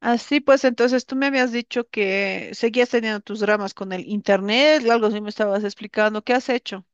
Así pues, entonces tú me habías dicho que seguías teniendo tus dramas con el internet, algo así me estabas explicando. ¿Qué has hecho?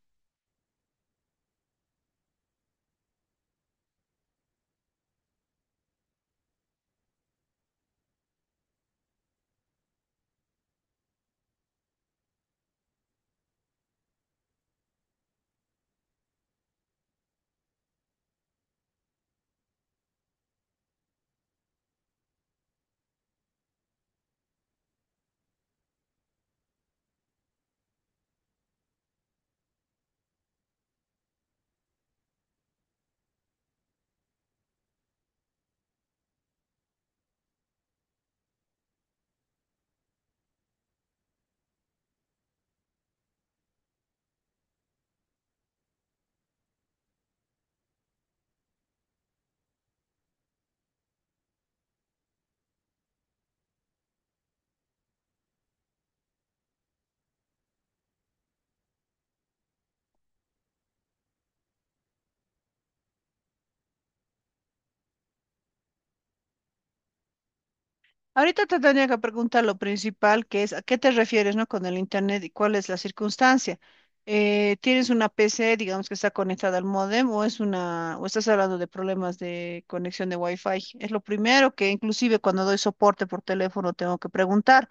Ahorita te tenía que preguntar lo principal, que es a qué te refieres, ¿no? Con el internet y cuál es la circunstancia. ¿Tienes una PC, digamos, que está conectada al módem o es una o estás hablando de problemas de conexión de Wi-Fi? Es lo primero que inclusive cuando doy soporte por teléfono tengo que preguntar,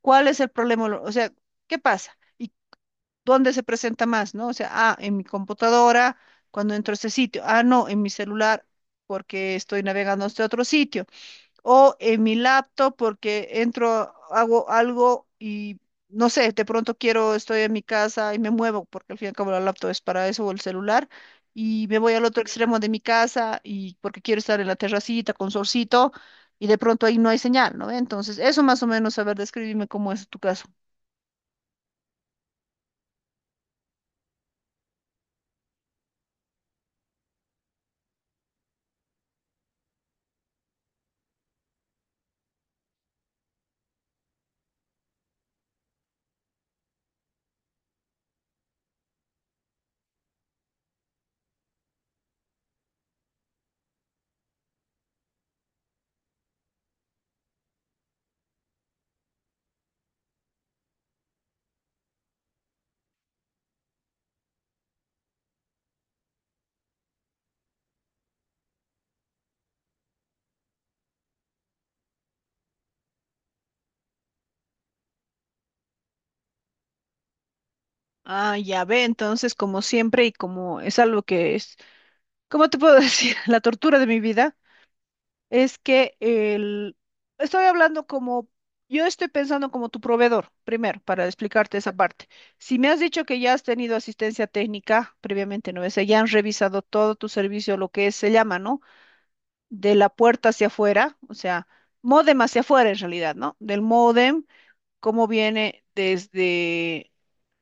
¿cuál es el problema? O sea, ¿qué pasa? ¿Y dónde se presenta más, no? O sea, en mi computadora, cuando entro a este sitio. Ah, no, en mi celular, porque estoy navegando a este otro sitio. O en mi laptop, porque entro, hago algo y, no sé, de pronto quiero, estoy en mi casa y me muevo, porque al fin y al cabo la laptop es para eso, o el celular. Y me voy al otro extremo de mi casa y porque quiero estar en la terracita con solcito y de pronto ahí no hay señal, ¿no? Entonces, eso más o menos, a ver, describime cómo es tu caso. Ah, ya ve, entonces como siempre y como es algo que es, ¿cómo te puedo decir? La tortura de mi vida es que el, estoy hablando como, yo estoy pensando como tu proveedor, primero, para explicarte esa parte. Si me has dicho que ya has tenido asistencia técnica previamente, ¿no? Es ya han revisado todo tu servicio, se llama, ¿no? De la puerta hacia afuera, o sea, módem hacia afuera en realidad, ¿no? Del módem cómo viene desde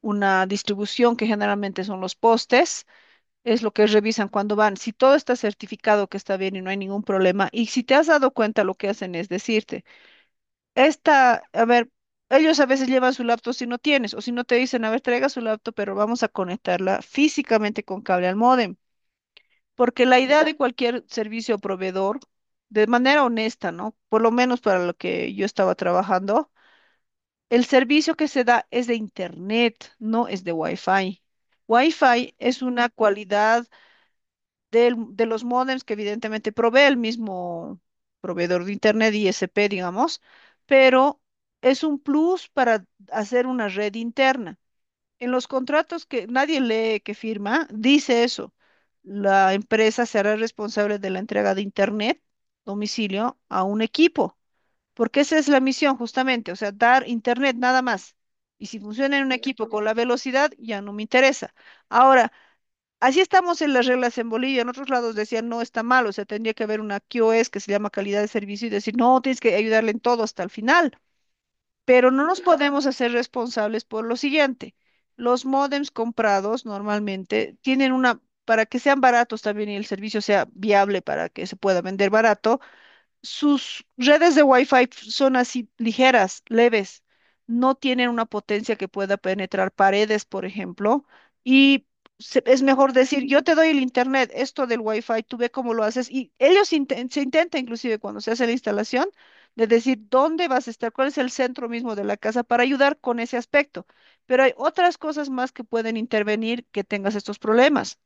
una distribución que generalmente son los postes, es lo que revisan cuando van. Si todo está certificado que está bien y no hay ningún problema, y si te has dado cuenta, lo que hacen es decirte, esta, a ver, ellos a veces llevan su laptop si no tienes, o si no te dicen, a ver, traiga su laptop, pero vamos a conectarla físicamente con cable al módem, porque la idea de cualquier servicio o proveedor, de manera honesta, ¿no? Por lo menos para lo que yo estaba trabajando el servicio que se da es de internet, no es de Wi-Fi. Wi-Fi es una cualidad de los módems que evidentemente provee el mismo proveedor de internet, ISP, digamos, pero es un plus para hacer una red interna. En los contratos que nadie lee, que firma, dice eso. La empresa será responsable de la entrega de internet, domicilio, a un equipo. Porque esa es la misión justamente, o sea, dar internet nada más. Y si funciona en un equipo con la velocidad, ya no me interesa. Ahora, así estamos en las reglas en Bolivia. En otros lados decían, no, está mal, o sea, tendría que haber una QoS que se llama calidad de servicio y decir, no, tienes que ayudarle en todo hasta el final. Pero no nos podemos hacer responsables por lo siguiente. Los módems comprados normalmente tienen una, para que sean baratos también y el servicio sea viable para que se pueda vender barato, sus redes de Wi-Fi son así ligeras, leves, no tienen una potencia que pueda penetrar paredes, por ejemplo, y es mejor decir, yo te doy el internet, esto del Wi-Fi, tú ve cómo lo haces, y se intenta inclusive cuando se hace la instalación de decir dónde vas a estar, cuál es el centro mismo de la casa para ayudar con ese aspecto, pero hay otras cosas más que pueden intervenir que tengas estos problemas.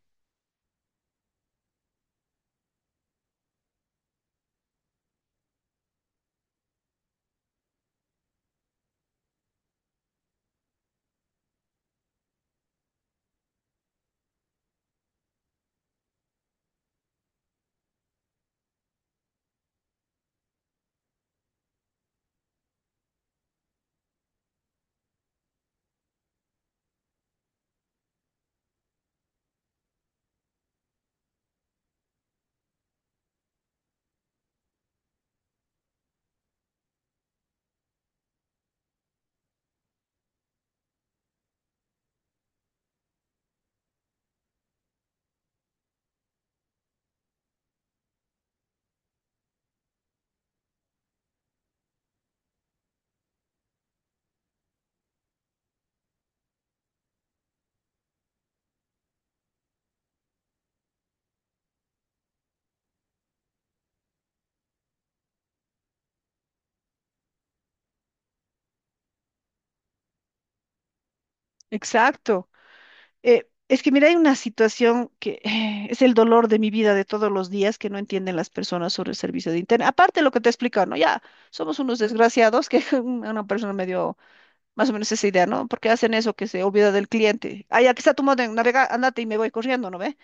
Exacto. Es que mira, hay una situación que es el dolor de mi vida de todos los días que no entienden las personas sobre el servicio de internet. Aparte de lo que te he explicado, ¿no? Ya somos unos desgraciados que una persona me dio más o menos esa idea, ¿no? Porque hacen eso que se olvida del cliente. Ah, aquí está tu modem, navega, andate y me voy corriendo, ¿no ve?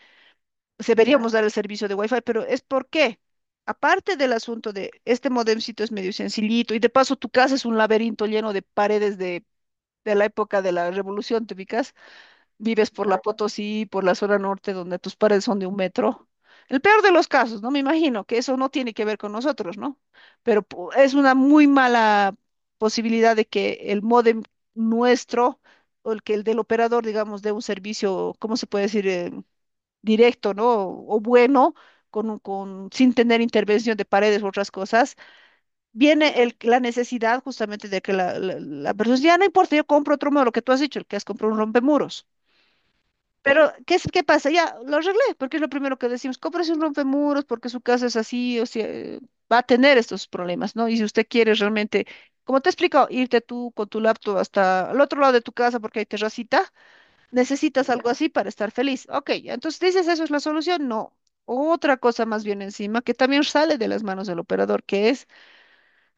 Se deberíamos dar el servicio de Wi-Fi, pero es porque, aparte del asunto de este modemcito es medio sencillito y de paso tu casa es un laberinto lleno de paredes de la época de la revolución, ¿te ubicas? Vives por la Potosí, por la zona norte, donde tus paredes son de un metro. El peor de los casos, ¿no? Me imagino que eso no tiene que ver con nosotros, ¿no? Es una muy mala posibilidad de que el módem nuestro o el que el del operador, digamos, dé un servicio, ¿cómo se puede decir? Directo, ¿no? O bueno, con, con, sin tener intervención de paredes u otras cosas. Viene el, la necesidad justamente de que la persona dice, ya no importa, yo compro otro modelo, lo que tú has dicho, el que has comprado un rompemuros. Pero, ¿qué, qué pasa? Ya, lo arreglé, porque es lo primero que decimos. Cómprese un rompemuros porque su casa es así, o sea, va a tener estos problemas, ¿no? Y si usted quiere realmente, como te he explicado, irte tú con tu laptop hasta el otro lado de tu casa porque hay terracita, necesitas algo así para estar feliz. Ok, ya, entonces dices, ¿eso es la solución? No. Otra cosa más bien encima que también sale de las manos del operador, que es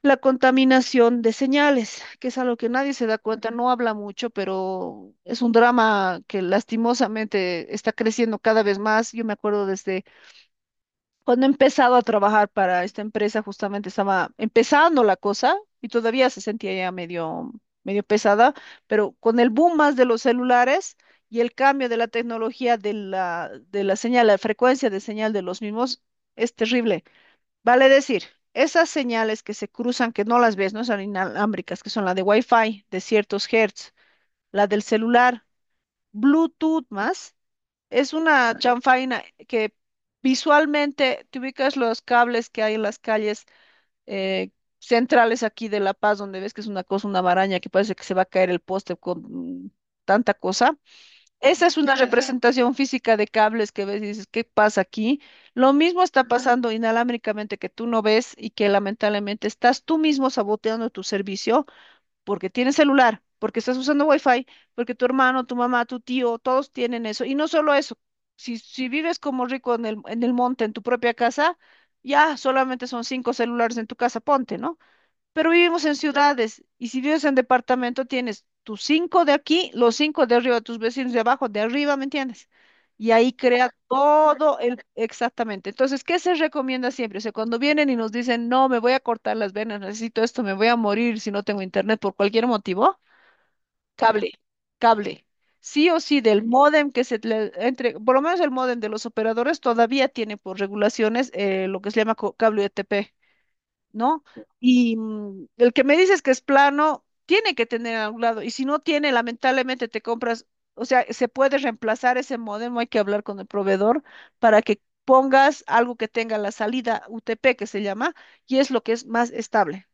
la contaminación de señales, que es algo que nadie se da cuenta, no habla mucho, pero es un drama que lastimosamente está creciendo cada vez más. Yo me acuerdo desde cuando he empezado a trabajar para esta empresa, justamente estaba empezando la cosa y todavía se sentía ya medio, medio pesada, pero con el boom más de los celulares y el cambio de la tecnología de la señal, la frecuencia de señal de los mismos, es terrible. Vale decir, esas señales que se cruzan, que no las ves, no son inalámbricas, que son la de Wi-Fi de ciertos hertz, la del celular, Bluetooth más, es una chanfaina que visualmente te ubicas los cables que hay en las calles, eh, centrales aquí de La Paz, donde ves que es una cosa, una maraña que parece que se va a caer el poste con tanta cosa. Esa es una representación física de cables que ves y dices, ¿qué pasa aquí? Lo mismo está pasando inalámbricamente que tú no ves y que lamentablemente estás tú mismo saboteando tu servicio porque tienes celular, porque estás usando wifi, porque tu hermano, tu mamá, tu tío, todos tienen eso. Y no solo eso, si, si vives como rico en el monte, en tu propia casa, ya solamente son cinco celulares en tu casa, ponte, ¿no? Pero vivimos en ciudades y si vives en departamento tienes tus cinco de aquí, los cinco de arriba, tus vecinos de abajo, de arriba, ¿me entiendes? Y ahí crea todo el... Exactamente. Entonces, ¿qué se recomienda siempre? O sea, cuando vienen y nos dicen, no, me voy a cortar las venas, necesito esto, me voy a morir si no tengo internet por cualquier motivo, cable, cable. Sí o sí, del módem que se le entre, por lo menos el módem de los operadores todavía tiene por regulaciones lo que se llama cable UTP. ¿No? Y el que me dices que es plano, tiene que tener en algún lado, y si no tiene, lamentablemente te compras, o sea, se puede reemplazar ese modem, hay que hablar con el proveedor para que pongas algo que tenga la salida UTP, que se llama, y es lo que es más estable.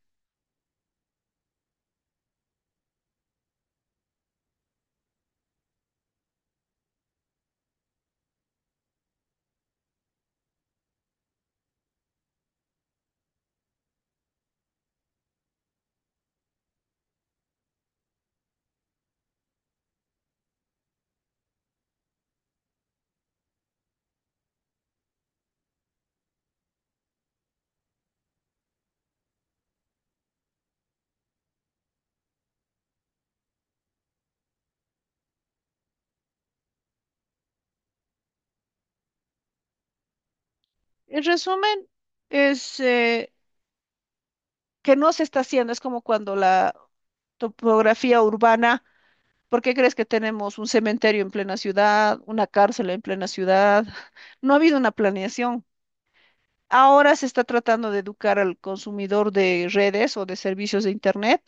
En resumen, es que no se está haciendo, es como cuando la topografía urbana... ¿Por qué crees que tenemos un cementerio en plena ciudad, una cárcel en plena ciudad? No ha habido una planeación. Ahora se está tratando de educar al consumidor de redes o de servicios de internet,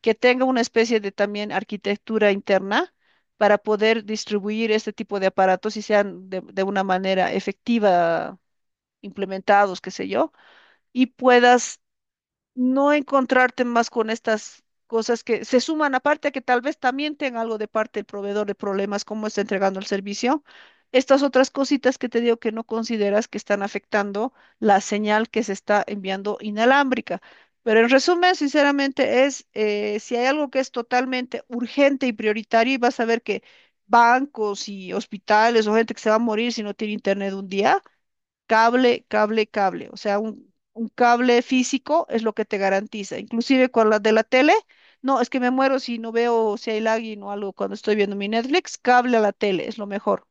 que tenga una especie de también arquitectura interna para poder distribuir este tipo de aparatos y sean de una manera efectiva implementados, qué sé yo, y puedas no encontrarte más con estas cosas que se suman, aparte que tal vez también tenga algo de parte del proveedor de problemas, cómo está entregando el servicio. Estas otras cositas que te digo que no consideras que están afectando la señal que se está enviando inalámbrica. Pero en resumen, sinceramente, es si hay algo que es totalmente urgente y prioritario, y vas a ver que bancos y hospitales o gente que se va a morir si no tiene internet un día, cable, cable, cable. O sea, un cable físico es lo que te garantiza. Inclusive con la de la tele, no, es que me muero si no veo si hay lagging o algo cuando estoy viendo mi Netflix. Cable a la tele es lo mejor.